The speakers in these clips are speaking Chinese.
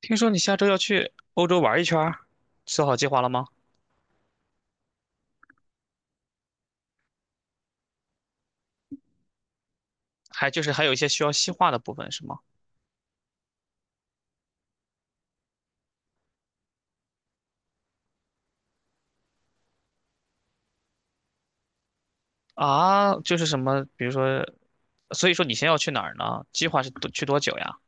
听说你下周要去欧洲玩一圈儿，做好计划了吗？还就是还有一些需要细化的部分是吗？啊，就是什么，比如说，所以说你先要去哪儿呢？计划是多去多久呀？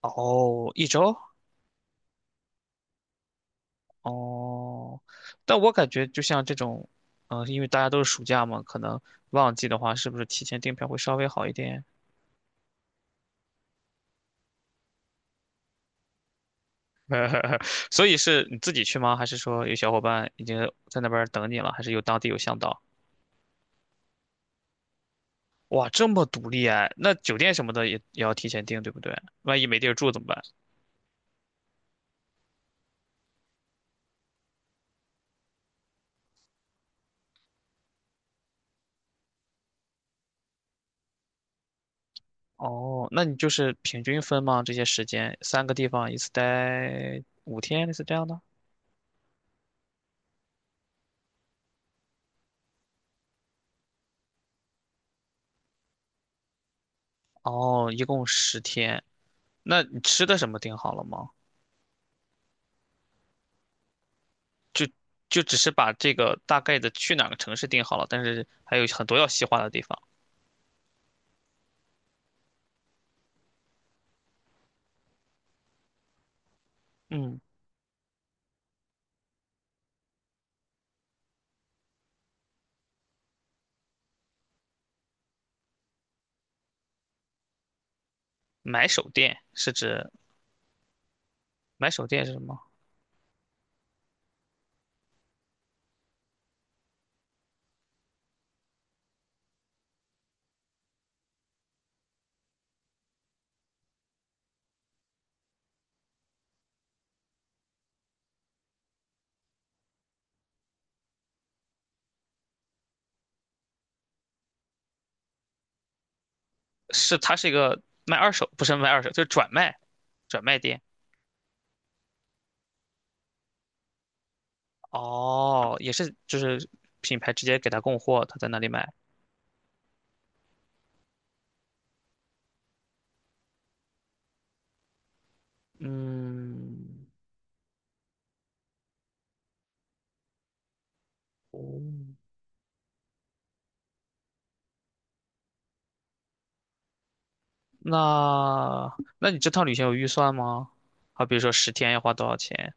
哦，一周？哦，但我感觉就像这种，因为大家都是暑假嘛，可能旺季的话，是不是提前订票会稍微好一点？所以是你自己去吗？还是说有小伙伴已经在那边儿等你了？还是有当地有向导？哇，这么独立哎，那酒店什么的也要提前订，对不对？万一没地儿住怎么办？哦，那你就是平均分吗？这些时间，三个地方一次待5天，类似这样的？哦，一共十天。那你吃的什么订好了吗？就就只是把这个大概的去哪个城市订好了，但是还有很多要细化的地方。嗯，买手店是指买手店是什么？是它是一个卖二手，不是卖二手，就是转卖店。哦，也是，就是品牌直接给他供货，他在那里买。嗯，哦，那你这趟旅行有预算吗？好，比如说十天要花多少钱？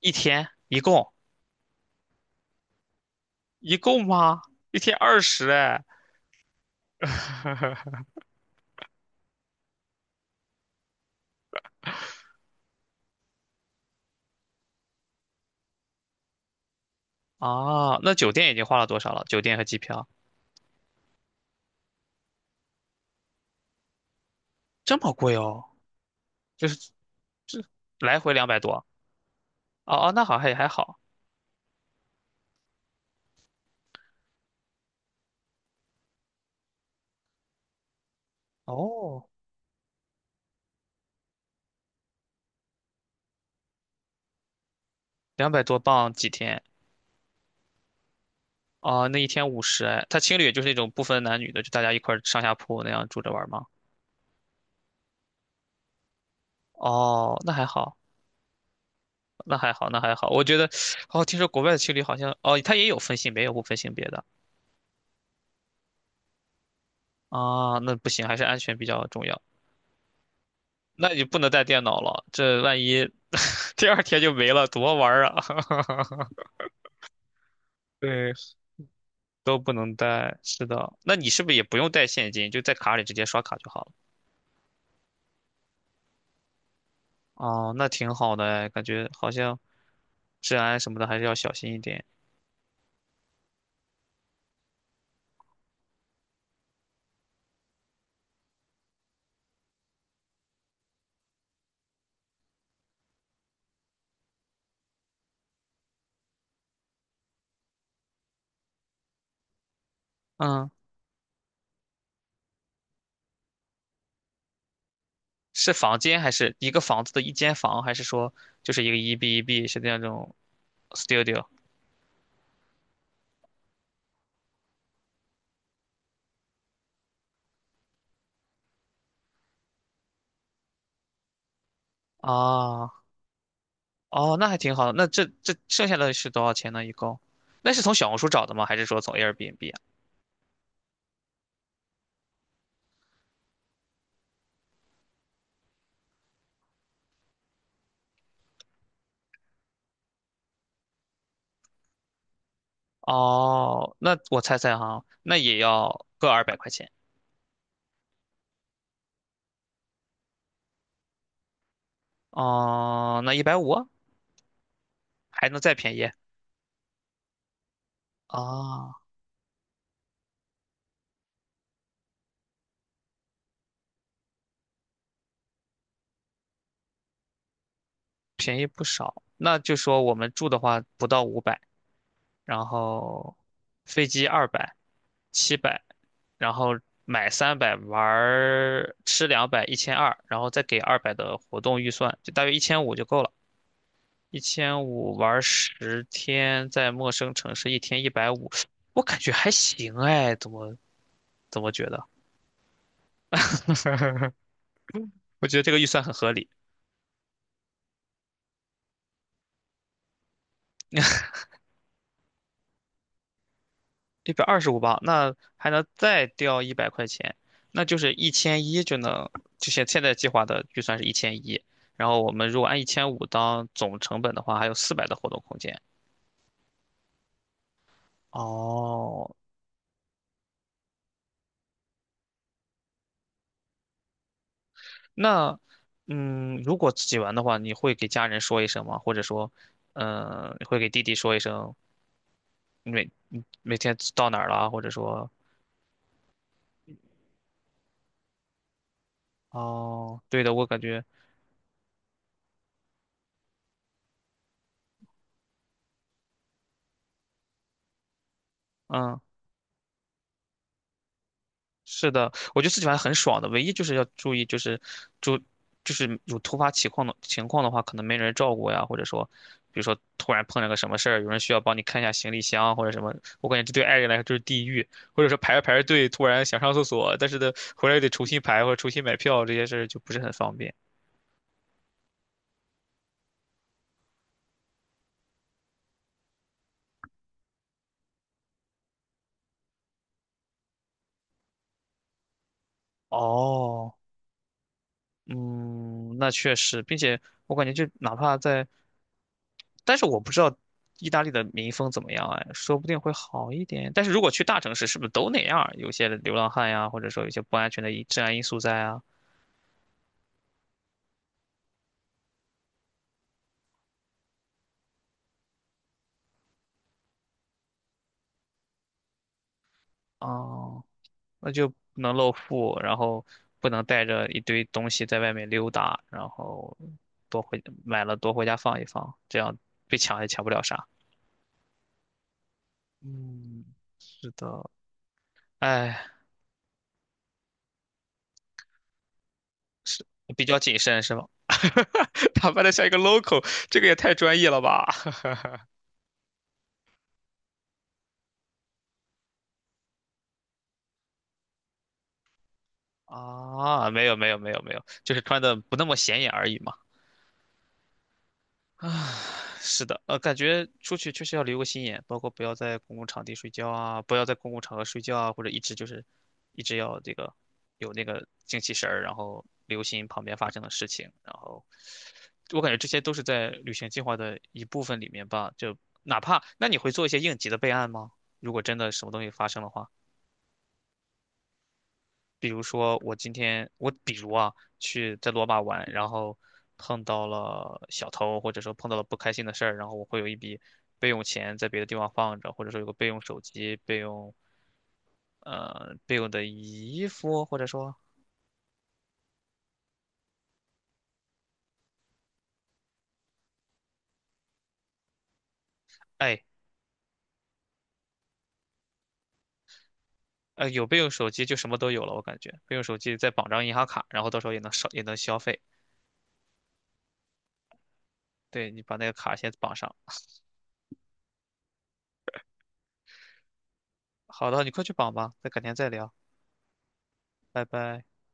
一天一共吗？一天二十哎。啊，那酒店已经花了多少了？酒店和机票这么贵哦，就是来回两百多。哦哦，那好还好。哦，200多镑几天？哦，那一天50哎，他青旅就是那种不分男女的，就大家一块儿上下铺那样住着玩儿吗？哦，那还好，那还好，那还好。我觉得，哦，听说国外的青旅好像，哦，他也有分性别，也有不分性别的啊，那不行，还是安全比较重要。那你不能带电脑了，这万一 第二天就没了，多玩儿啊！对，都不能带，是的。那你是不是也不用带现金，就在卡里直接刷卡就好了？哦，那挺好的哎，感觉好像治安什么的还是要小心一点。嗯。是房间还是一个房子的一间房，还是说就是一个一 B 一 B 是那种 studio 啊？哦，那还挺好的。那这剩下的是多少钱呢？一共？那是从小红书找的吗？还是说从 Airbnb 啊？哦，那我猜猜哈，那也要个200块钱。哦，那一百五啊还能再便宜啊？便宜不少。那就说我们住的话不到500，然后飞机二百、700，然后买300，玩儿吃两百，1200，然后再给二百的活动预算，就大约一千五就够了。一千五玩十天，在陌生城市一天一百五，我感觉还行哎，怎么觉得？我觉得这个预算很合理。125磅，那还能再掉100块钱，那就是一千一就能，就现在计划的预算是一千一，然后我们如果按一千五当总成本的话，还有400的活动空间。哦，那如果自己玩的话，你会给家人说一声吗？或者说，你会给弟弟说一声，你每天到哪儿了啊或者说，哦，对的，我感觉，嗯。是的，我觉得自己玩很爽的，唯一就是要注意，就是注就是有突发情况的情况的话，可能没人照顾呀，或者说，比如说突然碰上个什么事儿，有人需要帮你看一下行李箱或者什么，我感觉这对爱人来说就是地狱，或者说排着排着队突然想上厕所，但是呢回来又得重新排或者重新买票，这些事儿就不是很方便。哦，嗯，那确实，并且我感觉就哪怕在，但是我不知道意大利的民风怎么样哎，说不定会好一点。但是如果去大城市，是不是都那样儿有些流浪汉呀，或者说有些不安全的治安因素在啊。哦，那就不能露富，然后不能带着一堆东西在外面溜达，然后多回买了多回家放一放，这样被抢也抢不了啥。嗯，是的，哎。比较谨慎是吗？打扮的像一个 local，这个也太专业了吧？啊，没有没有没有没有，就是穿的不那么显眼而已嘛。是的，感觉出去确实要留个心眼，包括不要在公共场地睡觉啊，不要在公共场合睡觉啊，或者一直就是一直要这个有那个精气神儿，然后留心旁边发生的事情，然后我感觉这些都是在旅行计划的一部分里面吧。就哪怕那你会做一些应急的备案吗？如果真的什么东西发生的话。比如说我今天我比如啊去在罗马玩，然后碰到了小偷，或者说碰到了不开心的事儿，然后我会有一笔备用钱在别的地方放着，或者说有个备用手机、备用备用的衣服，或者说哎有备用手机就什么都有了，我感觉备用手机再绑张银行卡，然后到时候也能少也能消费。对你把那个卡先绑上。好的，你快去绑吧，再改天再聊，拜拜。